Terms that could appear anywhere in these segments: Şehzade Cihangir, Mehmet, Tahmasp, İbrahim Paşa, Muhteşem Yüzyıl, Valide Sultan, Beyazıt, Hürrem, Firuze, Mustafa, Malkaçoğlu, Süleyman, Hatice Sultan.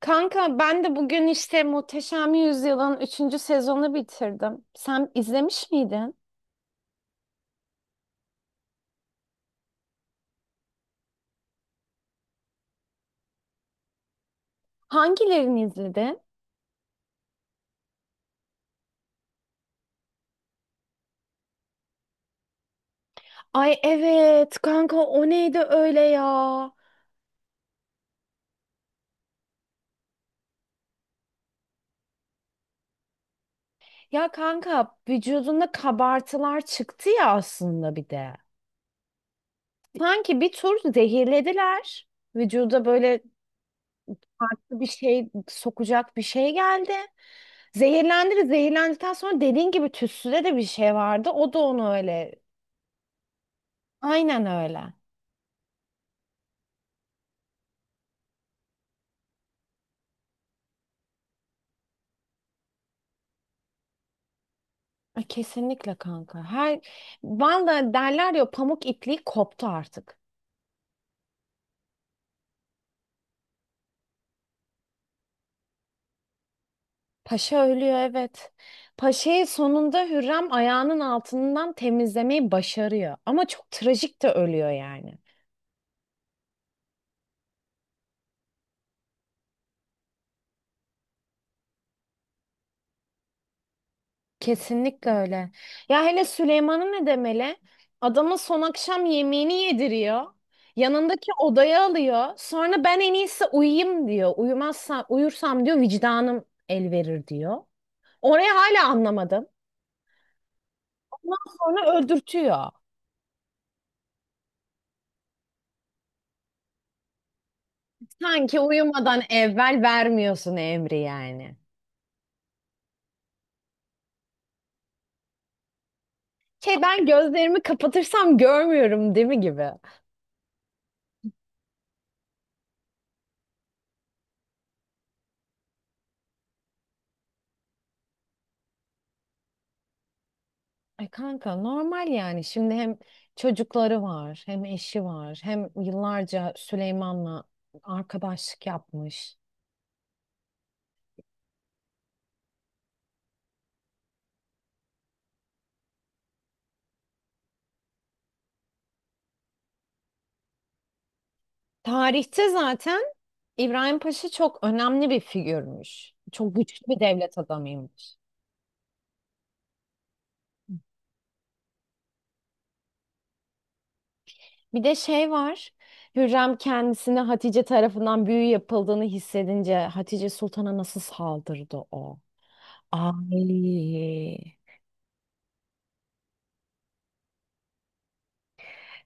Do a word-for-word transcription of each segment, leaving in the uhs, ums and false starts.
Kanka ben de bugün işte Muhteşem Yüzyıl'ın üçüncü sezonu bitirdim. Sen izlemiş miydin? Hangilerini izledin? Ay evet kanka o neydi öyle ya? Ya kanka vücudunda kabartılar çıktı ya aslında bir de. Sanki bir tur zehirlediler. Vücuda böyle farklı bir şey sokacak bir şey geldi. Zehirlendi, zehirlendikten sonra dediğin gibi tütsüde de bir şey vardı. O da onu öyle. Aynen öyle. Ay, kesinlikle kanka. Her vallahi derler ya pamuk ipliği koptu artık. Paşa ölüyor evet. Paşa'yı sonunda Hürrem ayağının altından temizlemeyi başarıyor. Ama çok trajik de ölüyor yani. Kesinlikle öyle. Ya hele Süleyman'ı ne demeli? Adamın son akşam yemeğini yediriyor. Yanındaki odaya alıyor. Sonra ben en iyisi uyuyayım diyor. Uyumazsam, uyursam diyor vicdanım el verir diyor. Orayı hala anlamadım. Ondan sonra öldürtüyor. Sanki uyumadan evvel vermiyorsun emri yani. Şey ben gözlerimi kapatırsam görmüyorum değil mi gibi. Ay kanka normal yani. Şimdi hem çocukları var, hem eşi var, hem yıllarca Süleyman'la arkadaşlık yapmış. Tarihte zaten İbrahim Paşa çok önemli bir figürmüş. Çok güçlü bir devlet adamıymış. Bir de şey var. Hürrem kendisine Hatice tarafından büyü yapıldığını hissedince Hatice Sultan'a nasıl saldırdı o? Ay.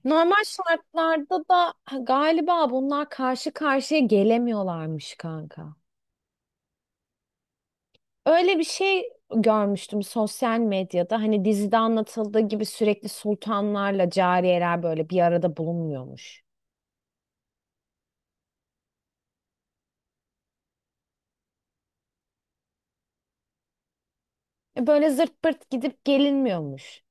Normal şartlarda da galiba bunlar karşı karşıya gelemiyorlarmış kanka. Öyle bir şey görmüştüm sosyal medyada. Hani dizide anlatıldığı gibi sürekli sultanlarla cariyeler böyle bir arada bulunmuyormuş. E böyle zırt pırt gidip gelinmiyormuş.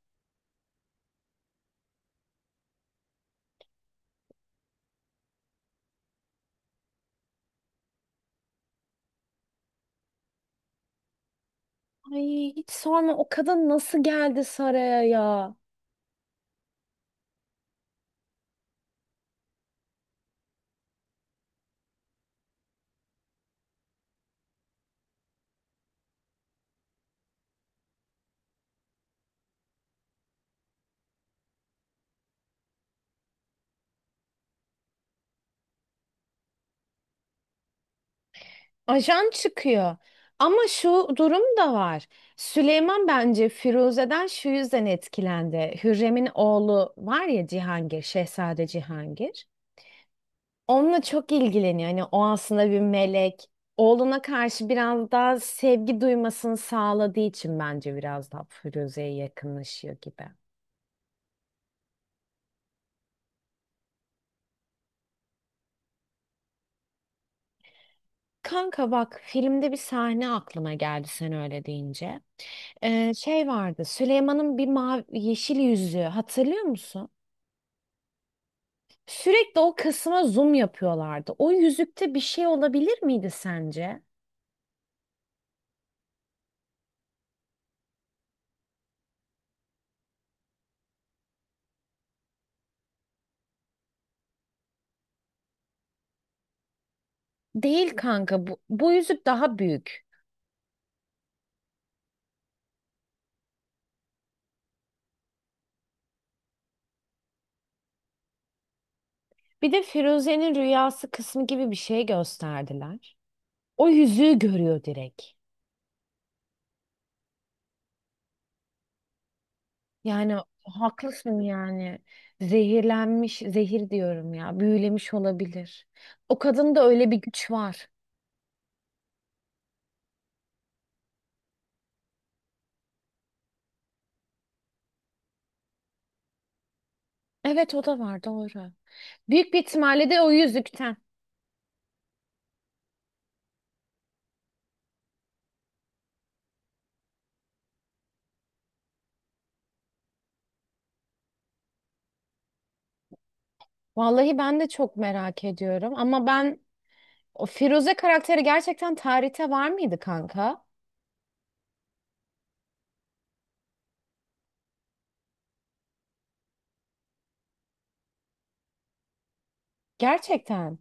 Ay hiç sorma o kadın nasıl geldi saraya ya? Ajan çıkıyor. Ama şu durum da var. Süleyman bence Firuze'den şu yüzden etkilendi. Hürrem'in oğlu var ya Cihangir, Şehzade Cihangir. Onunla çok ilgileniyor. Hani o aslında bir melek. Oğluna karşı biraz daha sevgi duymasını sağladığı için bence biraz daha Firuze'ye yakınlaşıyor gibi. Kanka bak filmde bir sahne aklıma geldi sen öyle deyince. Ee, şey vardı. Süleyman'ın bir mavi yeşil yüzüğü hatırlıyor musun? Sürekli o kısma zoom yapıyorlardı. O yüzükte bir şey olabilir miydi sence? Değil kanka. Bu, bu yüzük daha büyük. Bir de Firuze'nin rüyası kısmı gibi bir şey gösterdiler. O yüzüğü görüyor direkt. Yani haklısın yani. Zehirlenmiş, zehir diyorum ya. Büyülemiş olabilir. O kadında öyle bir güç var. Evet o da var doğru. Büyük bir ihtimalle de o yüzükten. Vallahi ben de çok merak ediyorum ama ben o Firuze karakteri gerçekten tarihte var mıydı kanka? Gerçekten.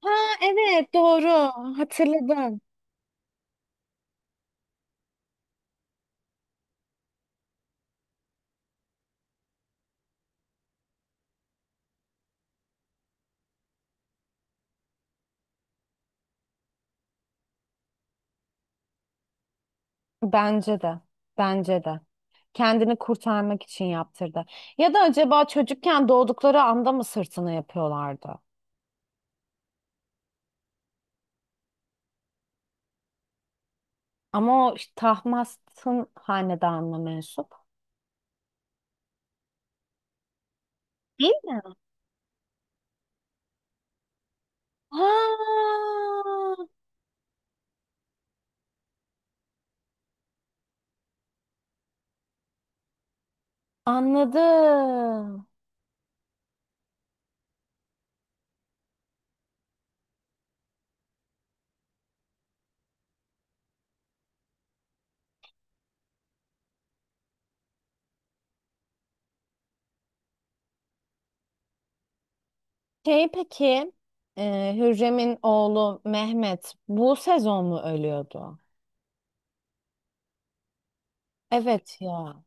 Ha evet doğru hatırladım. Bence de. Bence de. Kendini kurtarmak için yaptırdı. Ya da acaba çocukken doğdukları anda mı sırtını yapıyorlardı? Ama o işte Tahmasp'ın hanedanına mensup. Değil mi? Ha, anladım. Şey peki, e, Hürrem'in oğlu Mehmet bu sezon mu ölüyordu? Evet ya.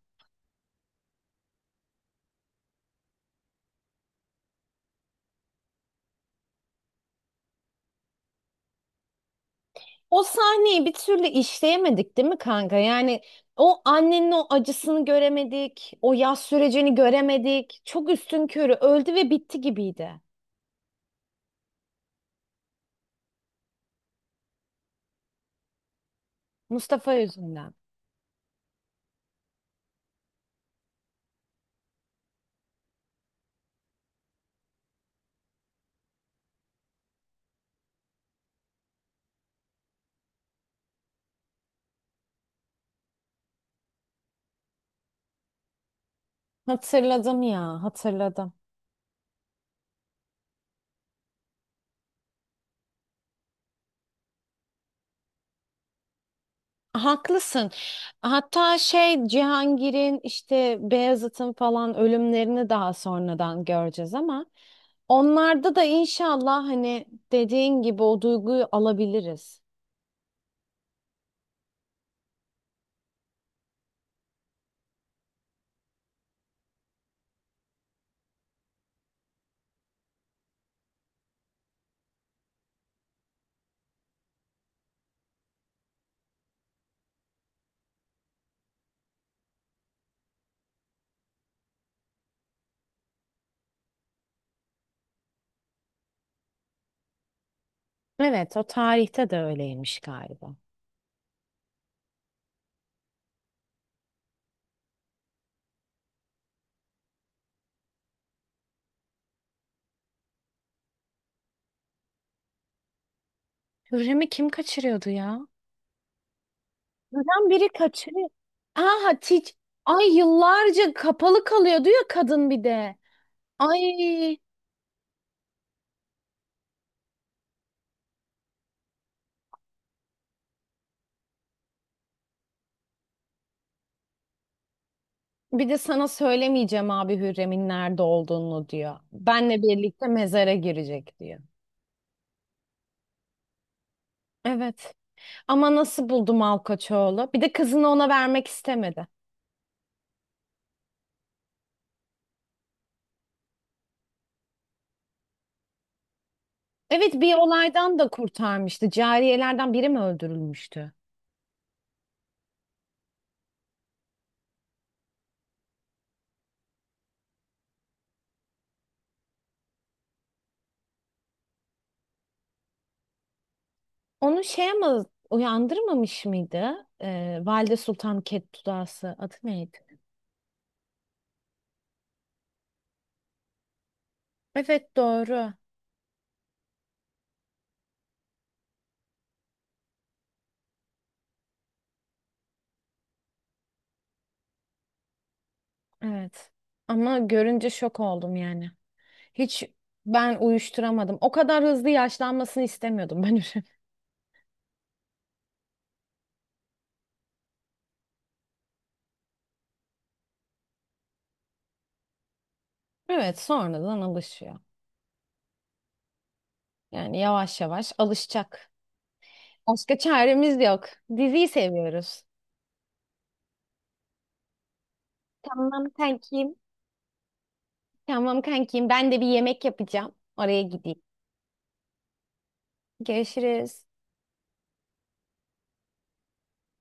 O sahneyi bir türlü işleyemedik değil mi kanka? Yani o annenin o acısını göremedik, o yas sürecini göremedik. Çok üstünkörü öldü ve bitti gibiydi. Mustafa yüzünden. Hatırladım ya, hatırladım. Haklısın. Hatta şey Cihangir'in işte Beyazıt'ın falan ölümlerini daha sonradan göreceğiz ama onlarda da inşallah hani dediğin gibi o duyguyu alabiliriz. Evet, o tarihte de öyleymiş galiba. Hürrem'i kim kaçırıyordu ya? Neden biri kaçırıyor? Aha Hatice. Ay yıllarca kapalı kalıyordu ya kadın bir de. Ay, bir de sana söylemeyeceğim abi Hürrem'in nerede olduğunu diyor. Benle birlikte mezara girecek diyor. Evet. Ama nasıl buldu Malkaçoğlu? Bir de kızını ona vermek istemedi. Evet bir olaydan da kurtarmıştı. Cariyelerden biri mi öldürülmüştü? Onu şey ama uyandırmamış mıydı? Ee, Valide Sultan Kettudası adı neydi? Evet doğru. Evet. Ama görünce şok oldum yani. Hiç ben uyuşturamadım. O kadar hızlı yaşlanmasını istemiyordum ben. Evet, sonradan alışıyor. Yani yavaş yavaş alışacak. Başka çaremiz yok. Diziyi seviyoruz. Tamam kankim. Tamam kankim. Ben de bir yemek yapacağım. Oraya gideyim. Görüşürüz.